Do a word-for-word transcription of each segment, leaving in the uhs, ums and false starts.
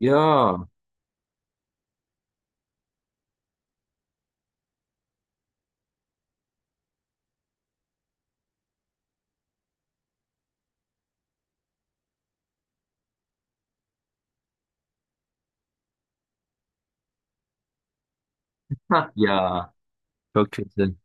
Ya. Hah ya. Çok kötü.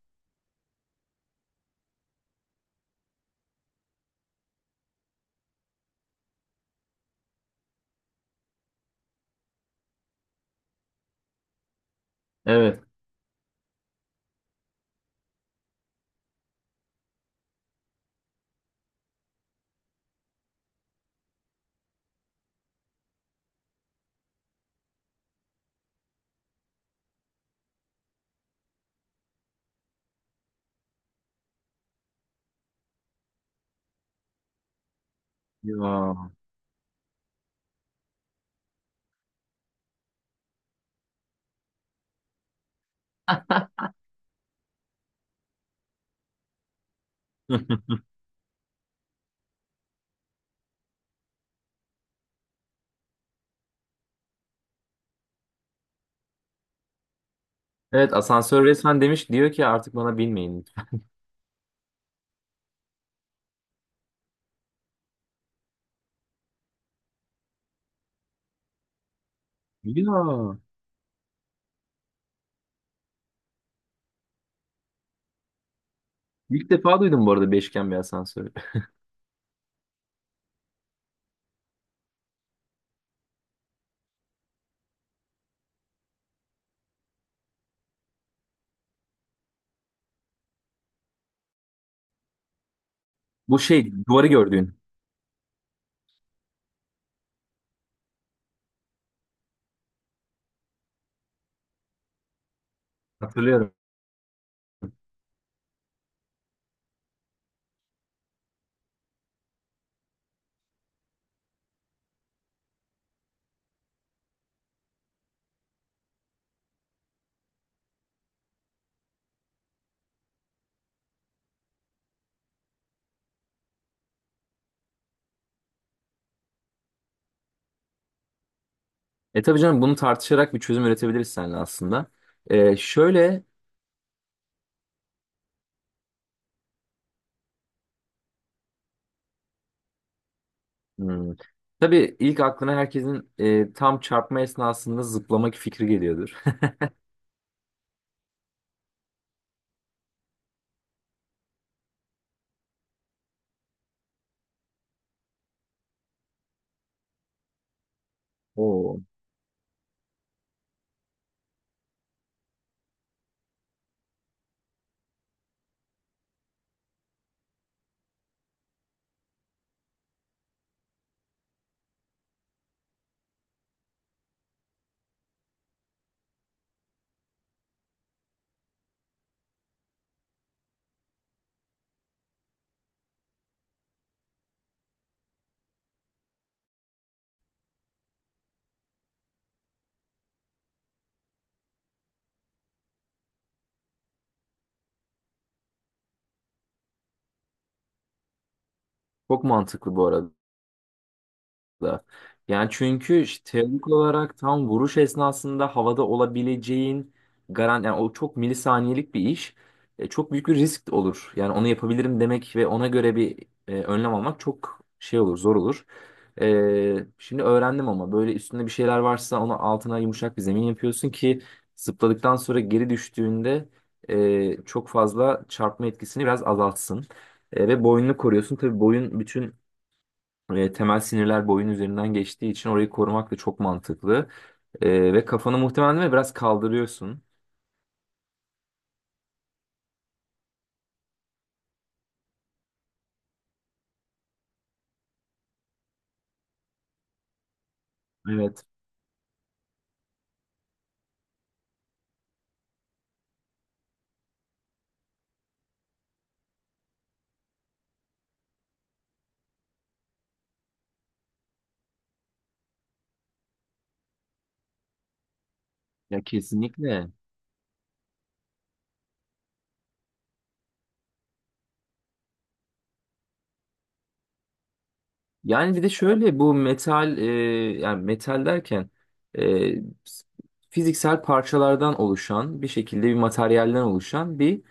Evet. Ya. Evet, asansör resmen demiş, diyor ki artık bana binmeyin lütfen. Ya. İlk defa duydum bu arada beşgen bir asansörü. Bu şey duvarı gördüğün. Hatırlıyorum. E tabii canım, bunu tartışarak bir çözüm üretebiliriz seninle aslında. E, şöyle hmm, tabii ilk aklına herkesin e, tam çarpma esnasında zıplamak fikri geliyordur. Oo. Çok mantıklı bu arada. Da. Yani çünkü işte teorik olarak tam vuruş esnasında havada olabileceğin garan, yani o çok milisaniyelik bir iş. E, çok büyük bir risk olur. Yani onu yapabilirim demek ve ona göre bir e, önlem almak çok şey olur, zor olur. E, şimdi öğrendim ama böyle üstünde bir şeyler varsa ona altına yumuşak bir zemin yapıyorsun ki zıpladıktan sonra geri düştüğünde e, çok fazla çarpma etkisini biraz azaltsın. E, ve boynunu koruyorsun. Tabii boyun bütün e, temel sinirler boyun üzerinden geçtiği için orayı korumak da çok mantıklı. E, ve kafanı muhtemelen değil mi, biraz kaldırıyorsun. Evet. Ya, kesinlikle. Yani bir de şöyle bu metal, e, yani metal derken e, fiziksel parçalardan oluşan bir şekilde bir materyalden oluşan bir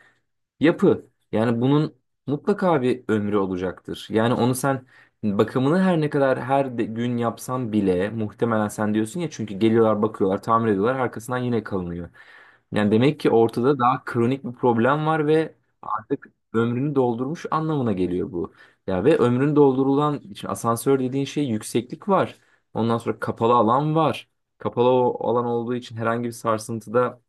yapı. Yani bunun mutlaka bir ömrü olacaktır. Yani onu sen bakımını her ne kadar her de- gün yapsan bile, muhtemelen sen diyorsun ya, çünkü geliyorlar, bakıyorlar, tamir ediyorlar, arkasından yine kalınıyor. Yani demek ki ortada daha kronik bir problem var ve artık ömrünü doldurmuş anlamına geliyor bu. Ya ve ömrünü doldurulan için asansör dediğin şey, yükseklik var. Ondan sonra kapalı alan var. Kapalı o alan olduğu için herhangi bir sarsıntıda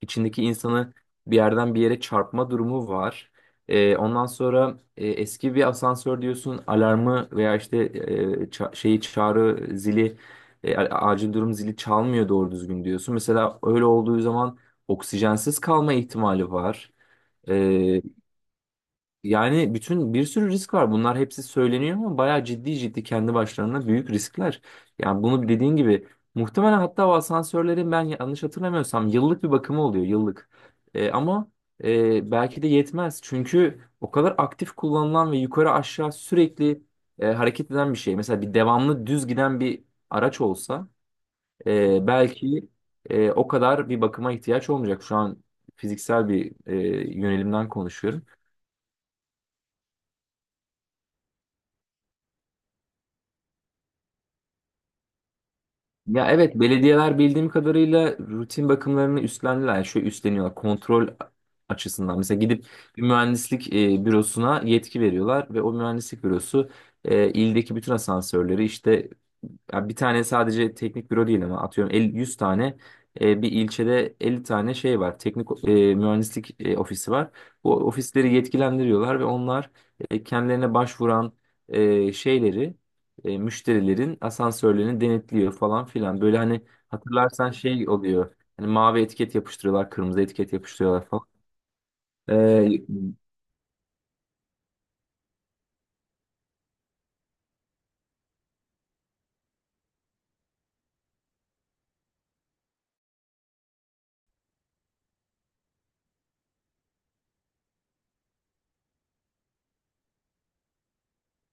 içindeki insanı bir yerden bir yere çarpma durumu var. Ee, ondan sonra e, eski bir asansör diyorsun, alarmı veya işte e, ça- şeyi çağrı zili, e, a- acil durum zili çalmıyor doğru düzgün diyorsun. Mesela öyle olduğu zaman oksijensiz kalma ihtimali var. Ee, yani bütün bir sürü risk var. Bunlar hepsi söyleniyor ama bayağı ciddi ciddi kendi başlarına büyük riskler. Yani bunu dediğin gibi muhtemelen, hatta o asansörlerin, ben yanlış hatırlamıyorsam yıllık bir bakımı oluyor yıllık. E, ama e, belki de yetmez. Çünkü o kadar aktif kullanılan ve yukarı aşağı sürekli e, hareket eden bir şey. Mesela bir devamlı düz giden bir araç olsa e, belki e, o kadar bir bakıma ihtiyaç olmayacak. Şu an fiziksel bir e, yönelimden konuşuyorum. Ya evet, belediyeler bildiğim kadarıyla rutin bakımlarını üstlendiler. Yani şöyle üstleniyorlar kontrol açısından. Mesela gidip bir mühendislik e, bürosuna yetki veriyorlar ve o mühendislik bürosu e, ildeki bütün asansörleri işte, ya bir tane sadece teknik büro değil ama atıyorum elli, yüz tane, e, bir ilçede elli tane şey var. Teknik e, mühendislik e, ofisi var. Bu ofisleri yetkilendiriyorlar ve onlar e, kendilerine başvuran e, şeyleri, e, müşterilerin asansörlerini denetliyor falan filan. Böyle hani hatırlarsan şey oluyor. Hani mavi etiket yapıştırıyorlar, kırmızı etiket yapıştırıyorlar falan. E,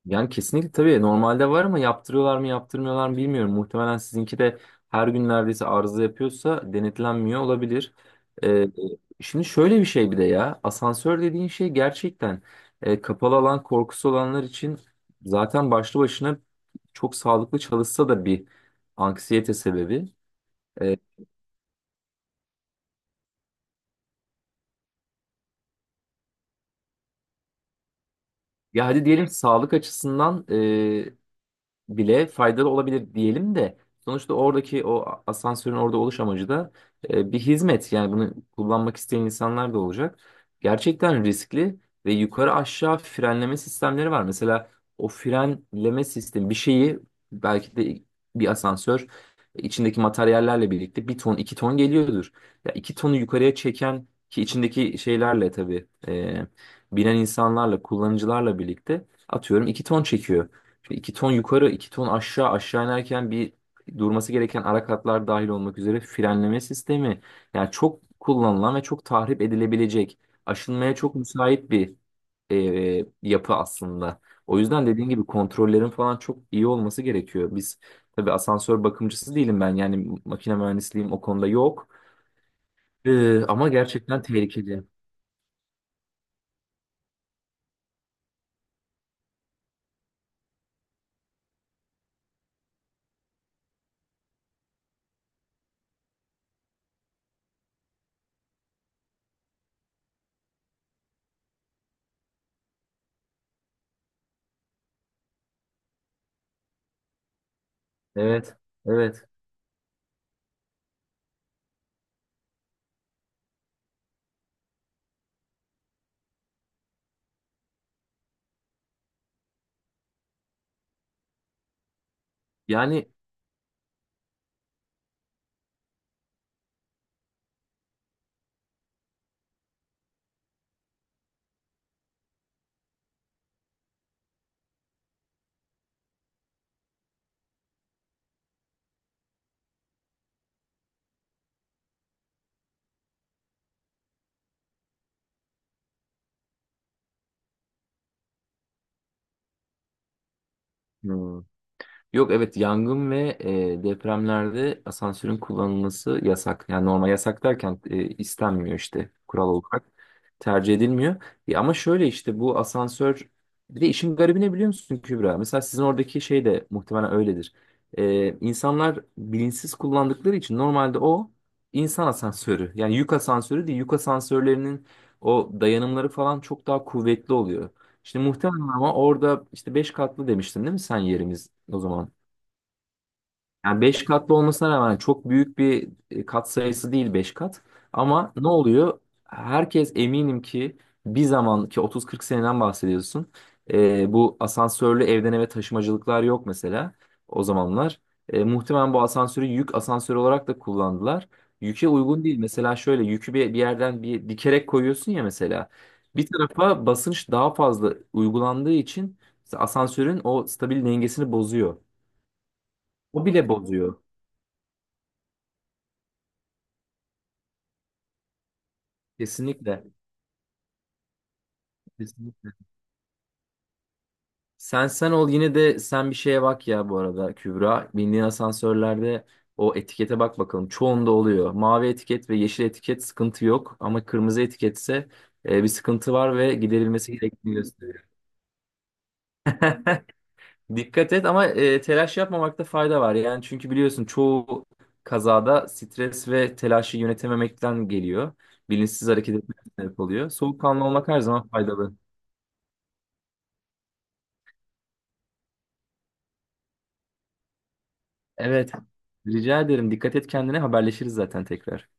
Yani kesinlikle tabii, normalde var ama yaptırıyorlar mı yaptırmıyorlar mı bilmiyorum. Muhtemelen sizinki de her gün neredeyse arıza yapıyorsa denetlenmiyor olabilir. Ee, şimdi şöyle bir şey, bir de ya, asansör dediğin şey gerçekten e, kapalı alan korkusu olanlar için zaten başlı başına, çok sağlıklı çalışsa da bir anksiyete sebebi. Ee, ya hadi diyelim sağlık açısından e, bile faydalı olabilir diyelim de, sonuçta oradaki o asansörün orada oluş amacı da e, bir hizmet. Yani bunu kullanmak isteyen insanlar da olacak. Gerçekten riskli ve yukarı aşağı frenleme sistemleri var. Mesela o frenleme sistemi bir şeyi belki de bir asansör içindeki materyallerle birlikte bir ton iki ton geliyordur. Ya iki tonu yukarıya çeken, ki içindeki şeylerle tabii e, binen insanlarla, kullanıcılarla birlikte atıyorum iki ton çekiyor. Şimdi iki ton yukarı, iki ton aşağı, aşağı inerken bir durması gereken ara katlar dahil olmak üzere frenleme sistemi. Yani çok kullanılan ve çok tahrip edilebilecek, aşınmaya çok müsait bir e, yapı aslında. O yüzden dediğin gibi kontrollerin falan çok iyi olması gerekiyor. Biz, tabii asansör bakımcısı değilim ben. Yani makine mühendisliğim o konuda yok. Ee, ama gerçekten tehlikeli. Evet, evet. Yani hmm. Yok evet, yangın ve e, depremlerde asansörün kullanılması yasak. Yani normal yasak derken e, istenmiyor işte, kural olarak. Tercih edilmiyor. Ya, ama şöyle işte bu asansör, bir de işin garibi ne biliyor musun Kübra? Mesela sizin oradaki şey de muhtemelen öyledir. E, insanlar bilinçsiz kullandıkları için normalde o insan asansörü. Yani yük asansörü değil. Yük asansörlerinin o dayanımları falan çok daha kuvvetli oluyor. Şimdi muhtemelen, ama orada işte beş katlı demiştin değil mi sen, yerimiz o zaman? Yani beş katlı olmasına rağmen çok büyük bir e, kat sayısı değil beş kat. Ama ne oluyor? Herkes eminim ki bir zaman ki otuz kırk seneden bahsediyorsun. E, bu asansörlü evden eve taşımacılıklar yok mesela o zamanlar. E, muhtemelen bu asansörü yük asansörü olarak da kullandılar. Yüke uygun değil. Mesela şöyle yükü bir, bir yerden bir dikerek koyuyorsun ya mesela. Bir tarafa basınç daha fazla uygulandığı için asansörün o stabil dengesini bozuyor. O bile bozuyor. Kesinlikle. Kesinlikle. Sen sen ol, yine de sen bir şeye bak ya bu arada Kübra. Bindiğin asansörlerde o etikete bak bakalım. Çoğunda oluyor. Mavi etiket ve yeşil etiket sıkıntı yok ama kırmızı etiketse e, bir sıkıntı var ve giderilmesi gerektiğini gösteriyor. Dikkat et ama e, telaş yapmamakta fayda var. Yani çünkü biliyorsun, çoğu kazada stres ve telaşı yönetememekten geliyor. Bilinçsiz hareket etmek sebep oluyor. Soğukkanlı olmak her zaman faydalı. Evet. Rica ederim. Dikkat et kendine. Haberleşiriz zaten tekrar.